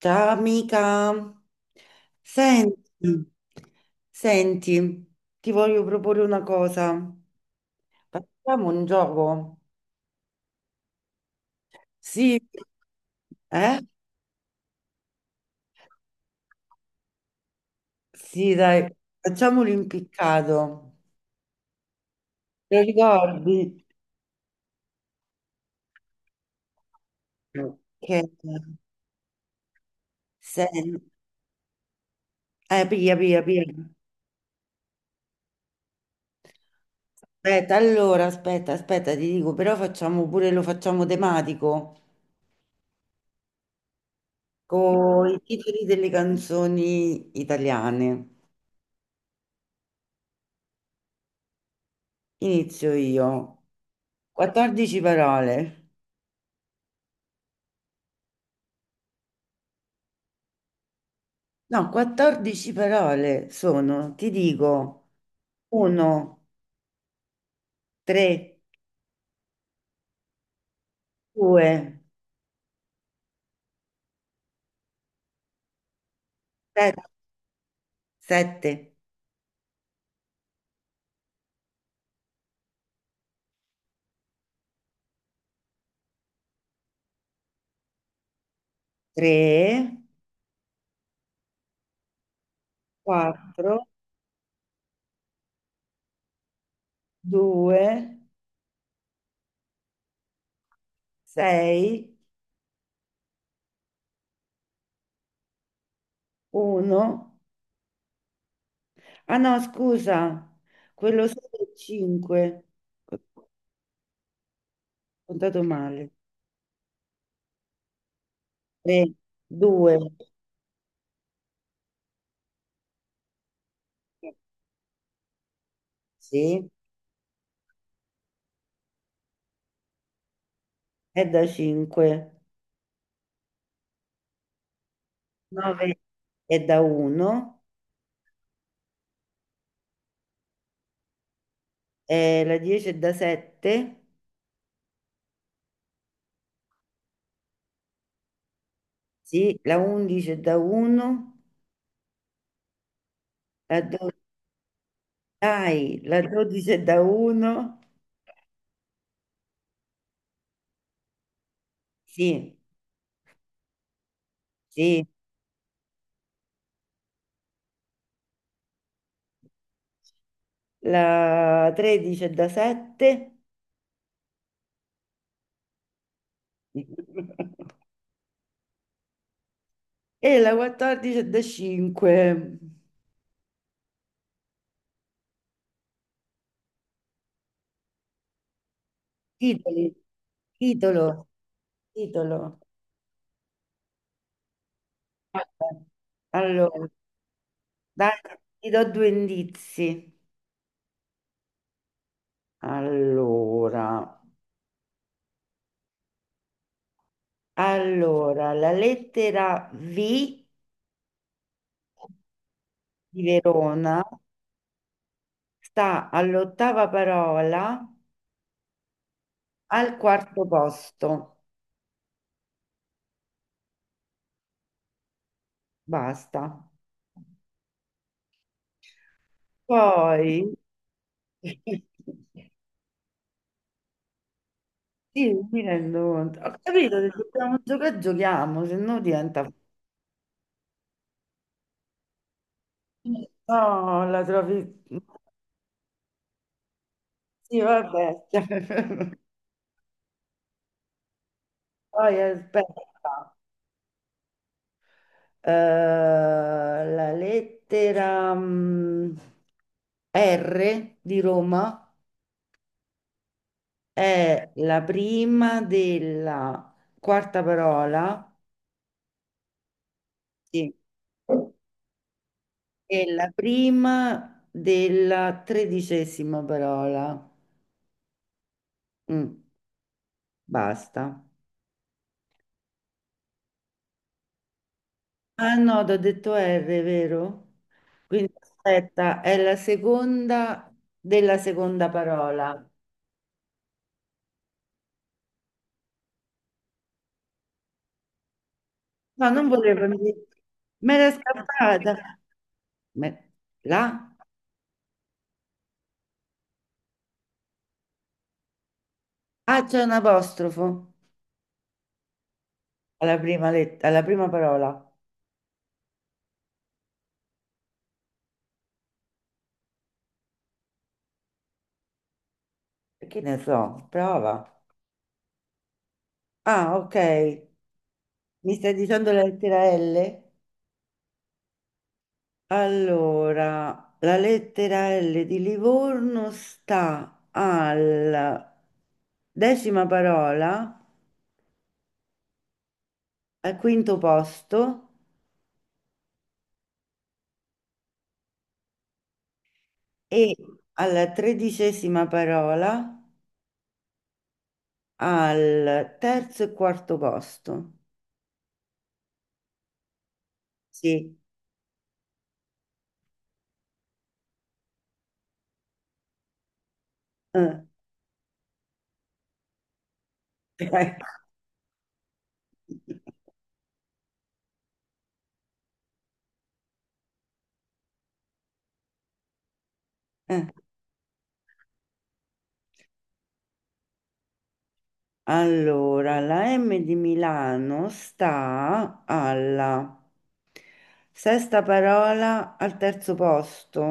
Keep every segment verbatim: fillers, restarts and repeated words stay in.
Ciao amica, senti, senti, ti voglio proporre una cosa. Facciamo un gioco? Sì, eh? Sì, dai, facciamo l'impiccato. Ti ricordi? Che... sen- Eh, pia, pia, pia. Aspetta, allora, aspetta, aspetta, ti dico, però facciamo pure, lo facciamo tematico, con i titoli delle canzoni italiane. Inizio io. quattordici parole. No, quattordici parole sono, ti dico, uno, tre, due, sette, tre, quattro, due, sei, uno. Ah no, scusa, quello solo è cinque. Ho contato male. tre, due, sì, è da cinque, nove è da uno. Eh, la dieci è da sette, sì, la undici è da uno, la dodici, dai, la dodici è da uno, sì, sì, la tredici è da sette e la quattordici è da cinque. Titoli, titolo, titolo. Vabbè. Allora, dai, ti do due indizi. Allora, allora, la lettera V di Verona sta all'ottava parola, al quarto posto. Basta. Poi, sì, mi rendo conto. Ho capito che se dobbiamo giocare, giochiamo, se no diventa... No, la trovi... Sì, vabbè. Poi aspetta. Eh, la lettera mm, R di Roma. È la prima della quarta parola. Sì. E la prima della tredicesima parola. Mm, basta. Ah no, ti ho detto R, vero? Quindi aspetta, è la seconda della seconda parola. No, non volevo dire. Me l'è scappata. Me- La? Ah, c'è un apostrofo alla prima, let- alla prima parola. Che ne so, prova. Ah, ok. Mi stai dicendo la lettera L? Allora, la lettera L di Livorno sta alla decima parola, al quinto posto e alla tredicesima parola, al terzo e quarto posto. Sì. Eh. Eh. Allora, la M di Milano sta alla sesta parola al terzo posto,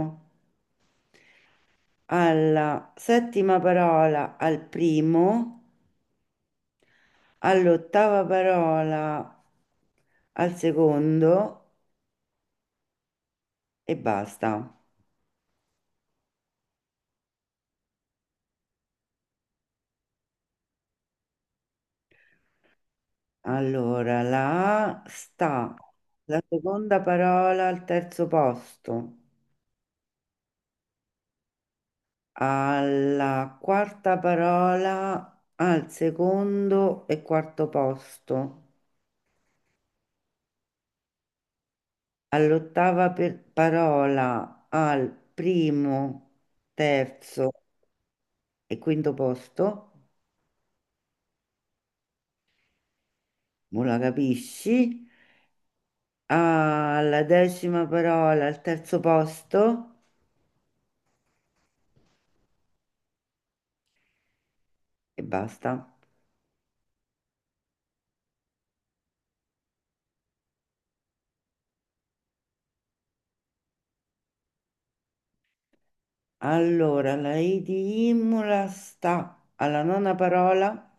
alla settima parola al primo, all'ottava parola al secondo e basta. Allora, la A sta, la seconda parola al terzo posto, alla quarta parola, al secondo e quarto posto, all'ottava per- parola, al primo, terzo e quinto posto, non la capisci, alla decima parola, al terzo posto e basta. Allora, la I di Imola sta alla nona parola,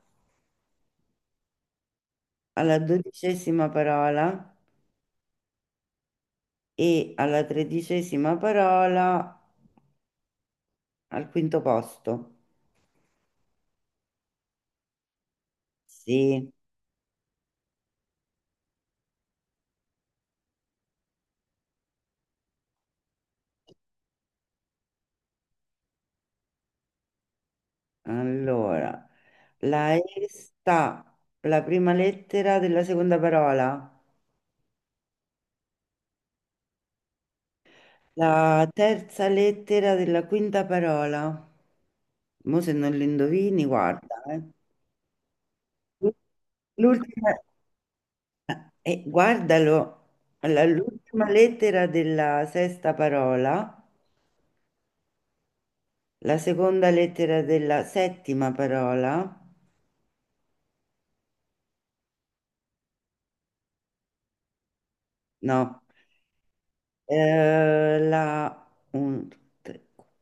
alla dodicesima parola e alla tredicesima parola, al quinto posto. Sì, allora, la E sta la prima lettera della seconda parola, la terza lettera della quinta parola. Mo se non lo indovini, guarda, eh. L'ultima, eh, eh, guardalo, allora, l'ultima lettera della sesta parola, la seconda lettera della settima parola, no. Eh, la, un, due, tre, quattro,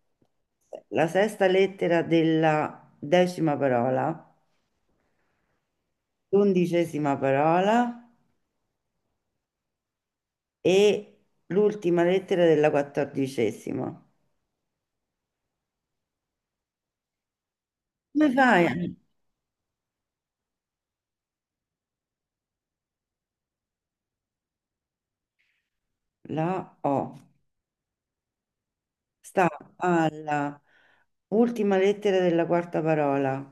sei. La sesta lettera della decima parola, l'undicesima parola e l'ultima lettera della quattordicesima. Come fai? La O sta alla ultima lettera della quarta parola,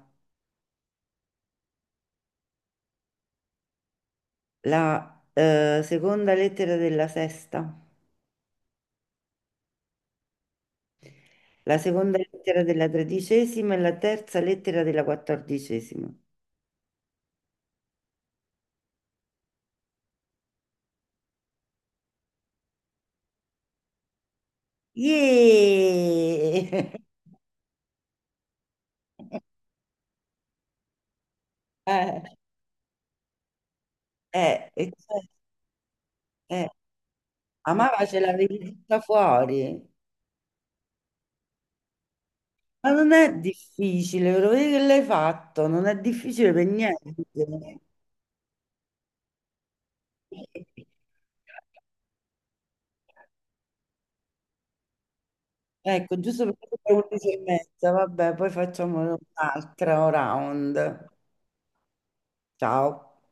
la eh, seconda lettera della sesta, la seconda lettera della tredicesima e la terza lettera della quattordicesima. Yeee! Eh, Eh, e cioè, eh, amava ce l'avevi tutta fuori. Ma non è difficile, ve lo vedi che l'hai fatto, non è difficile per niente. Ecco, giusto perché sono le undici e mezza, vabbè, poi facciamo un'altra round. Ciao.